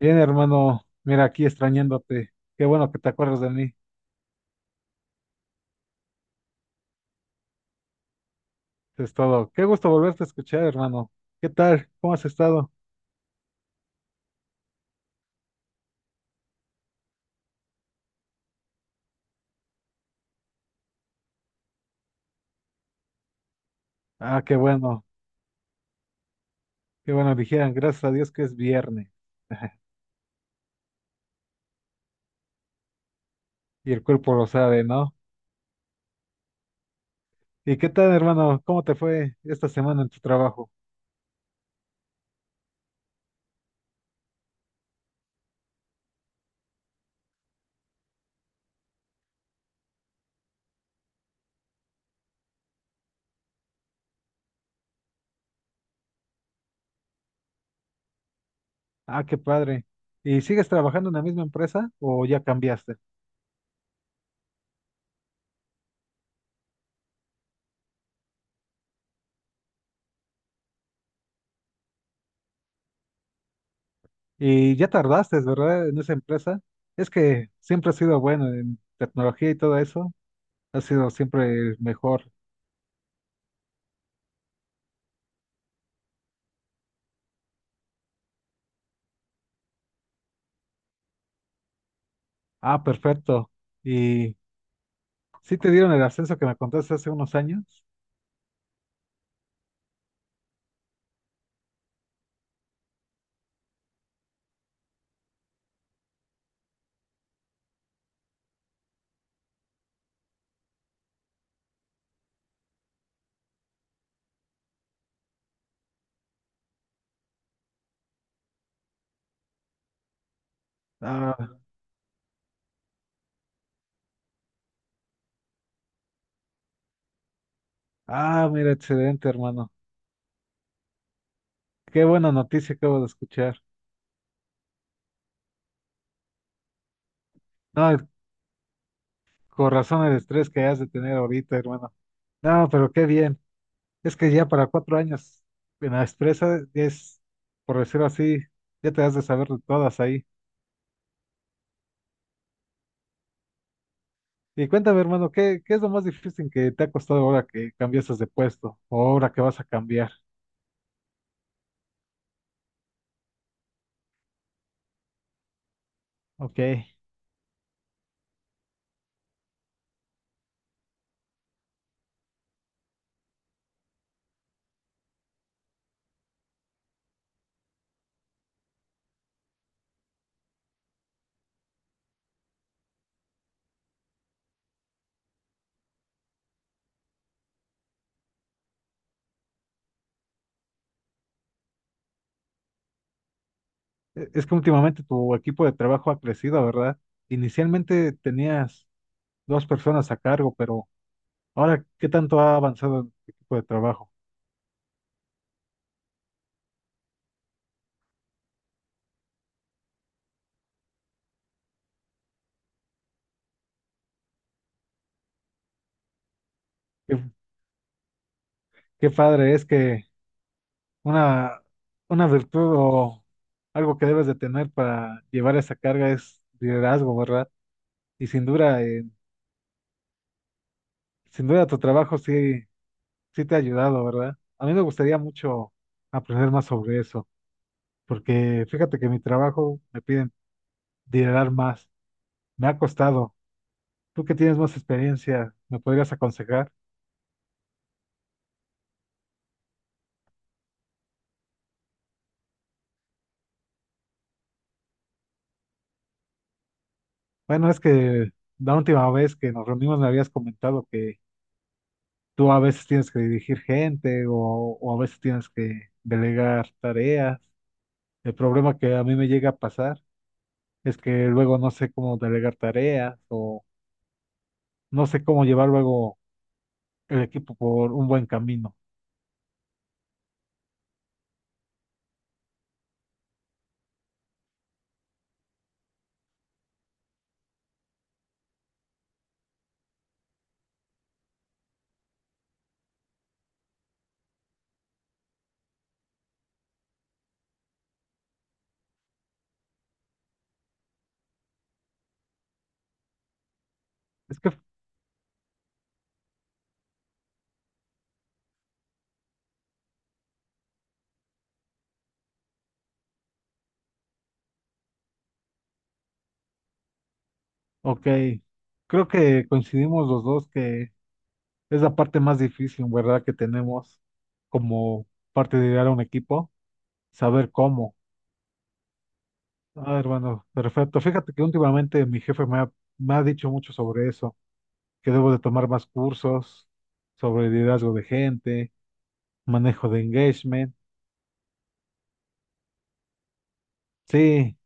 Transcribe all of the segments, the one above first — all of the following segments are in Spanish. Bien, hermano, mira aquí extrañándote. Qué bueno que te acuerdas de mí. Eso es todo. Qué gusto volverte a escuchar, hermano. ¿Qué tal? ¿Cómo has estado? Ah, qué bueno. Qué bueno, dijeran, gracias a Dios que es viernes. Y el cuerpo lo sabe, ¿no? ¿Y qué tal, hermano? ¿Cómo te fue esta semana en tu trabajo? Ah, qué padre. ¿Y sigues trabajando en la misma empresa o ya cambiaste? Y ya tardaste, ¿verdad? En esa empresa. Es que siempre has sido bueno en tecnología y todo eso. Has sido siempre el mejor. Ah, perfecto. ¿Y sí te dieron el ascenso que me contaste hace unos años? Ah, ah, mira, excelente, hermano. Qué buena noticia acabo de escuchar. No, el- Con razón el estrés que has de tener ahorita, hermano. No, pero qué bien. Es que ya para cuatro años en la empresa es, por decirlo así, ya te has de saber de todas ahí. Y cuéntame, hermano, ¿qué es lo más difícil que te ha costado ahora que cambiaste de puesto o ahora que vas a cambiar? Ok. Es que últimamente tu equipo de trabajo ha crecido, ¿verdad? Inicialmente tenías dos personas a cargo, pero ahora, ¿qué tanto ha avanzado el equipo de trabajo? Qué, qué padre es que una, una virtud o algo que debes de tener para llevar esa carga es liderazgo, ¿verdad? Y sin duda, sin duda tu trabajo sí te ha ayudado, ¿verdad? A mí me gustaría mucho aprender más sobre eso, porque fíjate que mi trabajo me piden liderar más. Me ha costado. Tú que tienes más experiencia, ¿me podrías aconsejar? Bueno, es que la última vez que nos reunimos me habías comentado que tú a veces tienes que dirigir gente o a veces tienes que delegar tareas. El problema que a mí me llega a pasar es que luego no sé cómo delegar tareas o no sé cómo llevar luego el equipo por un buen camino. Es que, ok, creo que coincidimos los dos que es la parte más difícil, ¿verdad? Que tenemos como parte de liderar un equipo, saber cómo. Ah, hermano, perfecto. Fíjate que últimamente mi jefe me ha dicho mucho sobre eso, que debo de tomar más cursos sobre liderazgo de gente, manejo de engagement. Sí,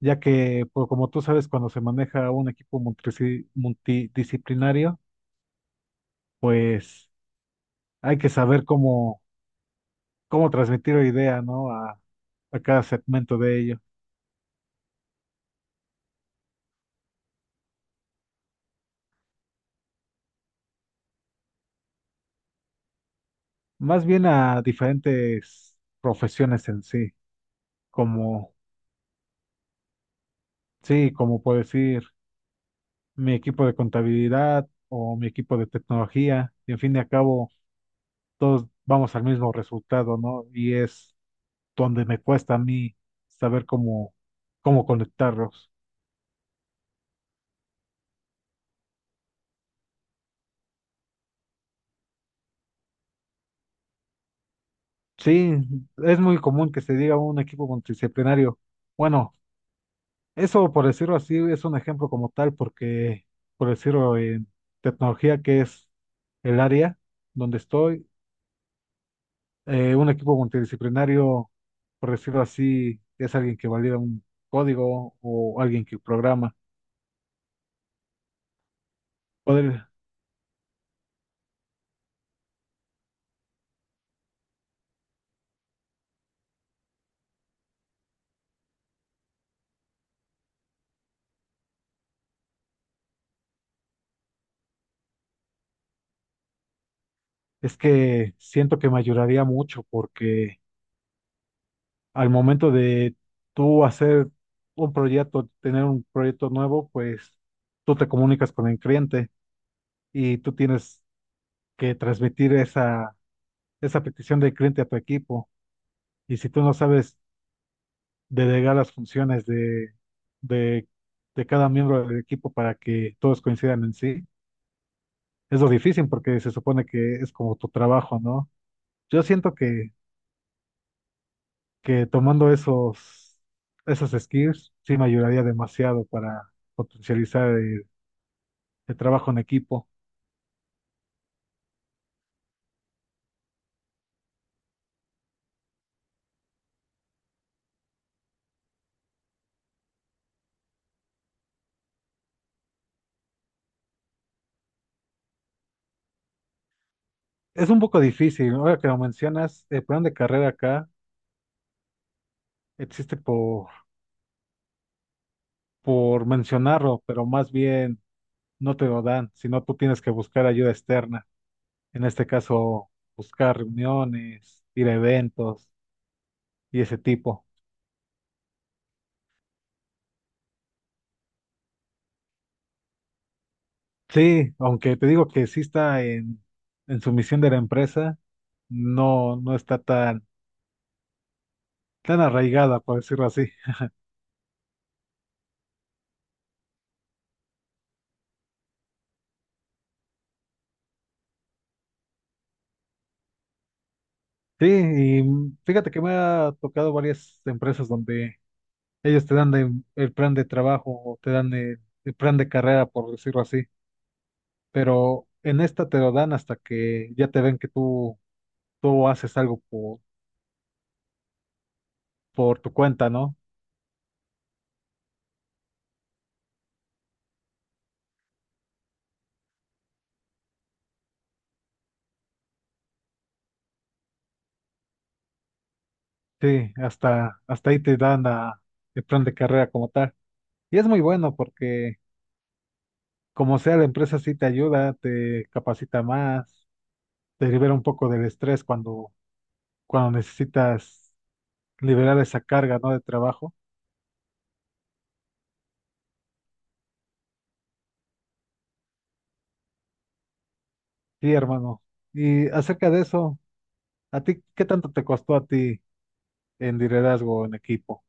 ya que, pues, como tú sabes, cuando se maneja un equipo multidisciplinario, pues hay que saber cómo transmitir la idea, ¿no? A cada segmento de ello. Más bien a diferentes profesiones en como, sí, como por decir, mi equipo de contabilidad o mi equipo de tecnología, y en fin de al cabo, todos vamos al mismo resultado, ¿no? Y es donde me cuesta a mí saber cómo conectarlos. Sí, es muy común que se diga un equipo multidisciplinario. Bueno, eso por decirlo así es un ejemplo como tal, porque por decirlo en tecnología, que es el área donde estoy, un equipo multidisciplinario, por decirlo así, es alguien que valida un código o alguien que programa. Poder, es que siento que me ayudaría mucho porque al momento de tú hacer un proyecto, tener un proyecto nuevo, pues tú te comunicas con el cliente y tú tienes que transmitir esa petición del cliente a tu equipo. Y si tú no sabes delegar las funciones de, de cada miembro del equipo para que todos coincidan en sí. Es lo difícil porque se supone que es como tu trabajo, ¿no? Yo siento que tomando esos skills sí me ayudaría demasiado para potencializar el trabajo en equipo. Es un poco difícil, ¿no? Ahora que lo mencionas, el plan de carrera acá existe por mencionarlo, pero más bien no te lo dan, sino tú tienes que buscar ayuda externa. En este caso, buscar reuniones, ir a eventos y ese tipo. Sí, aunque te digo que sí está en su misión de la empresa, no, no está tan arraigada, por decirlo así. Sí, y fíjate que me ha tocado varias empresas donde ellos el plan de trabajo o te dan el plan de carrera, por decirlo así, pero en esta te lo dan hasta que ya te ven que tú haces algo por tu cuenta, ¿no? Sí, hasta ahí te dan el plan de carrera como tal. Y es muy bueno porque como sea la empresa sí te ayuda, te capacita más, te libera un poco del estrés cuando necesitas liberar esa carga, ¿no? De trabajo. Sí, hermano. Y acerca de eso, ¿a ti qué tanto te costó a ti en liderazgo en equipo?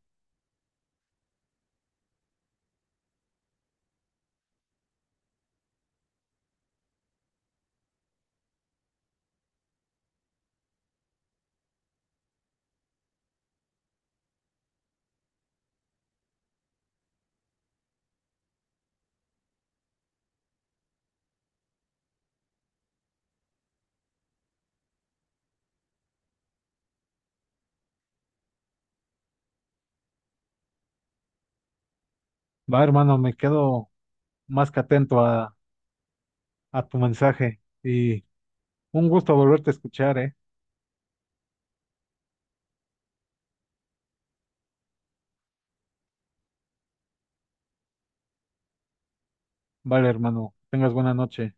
Va, hermano, me quedo más que atento a tu mensaje y un gusto volverte a escuchar, ¿eh? Vale, hermano, tengas buena noche.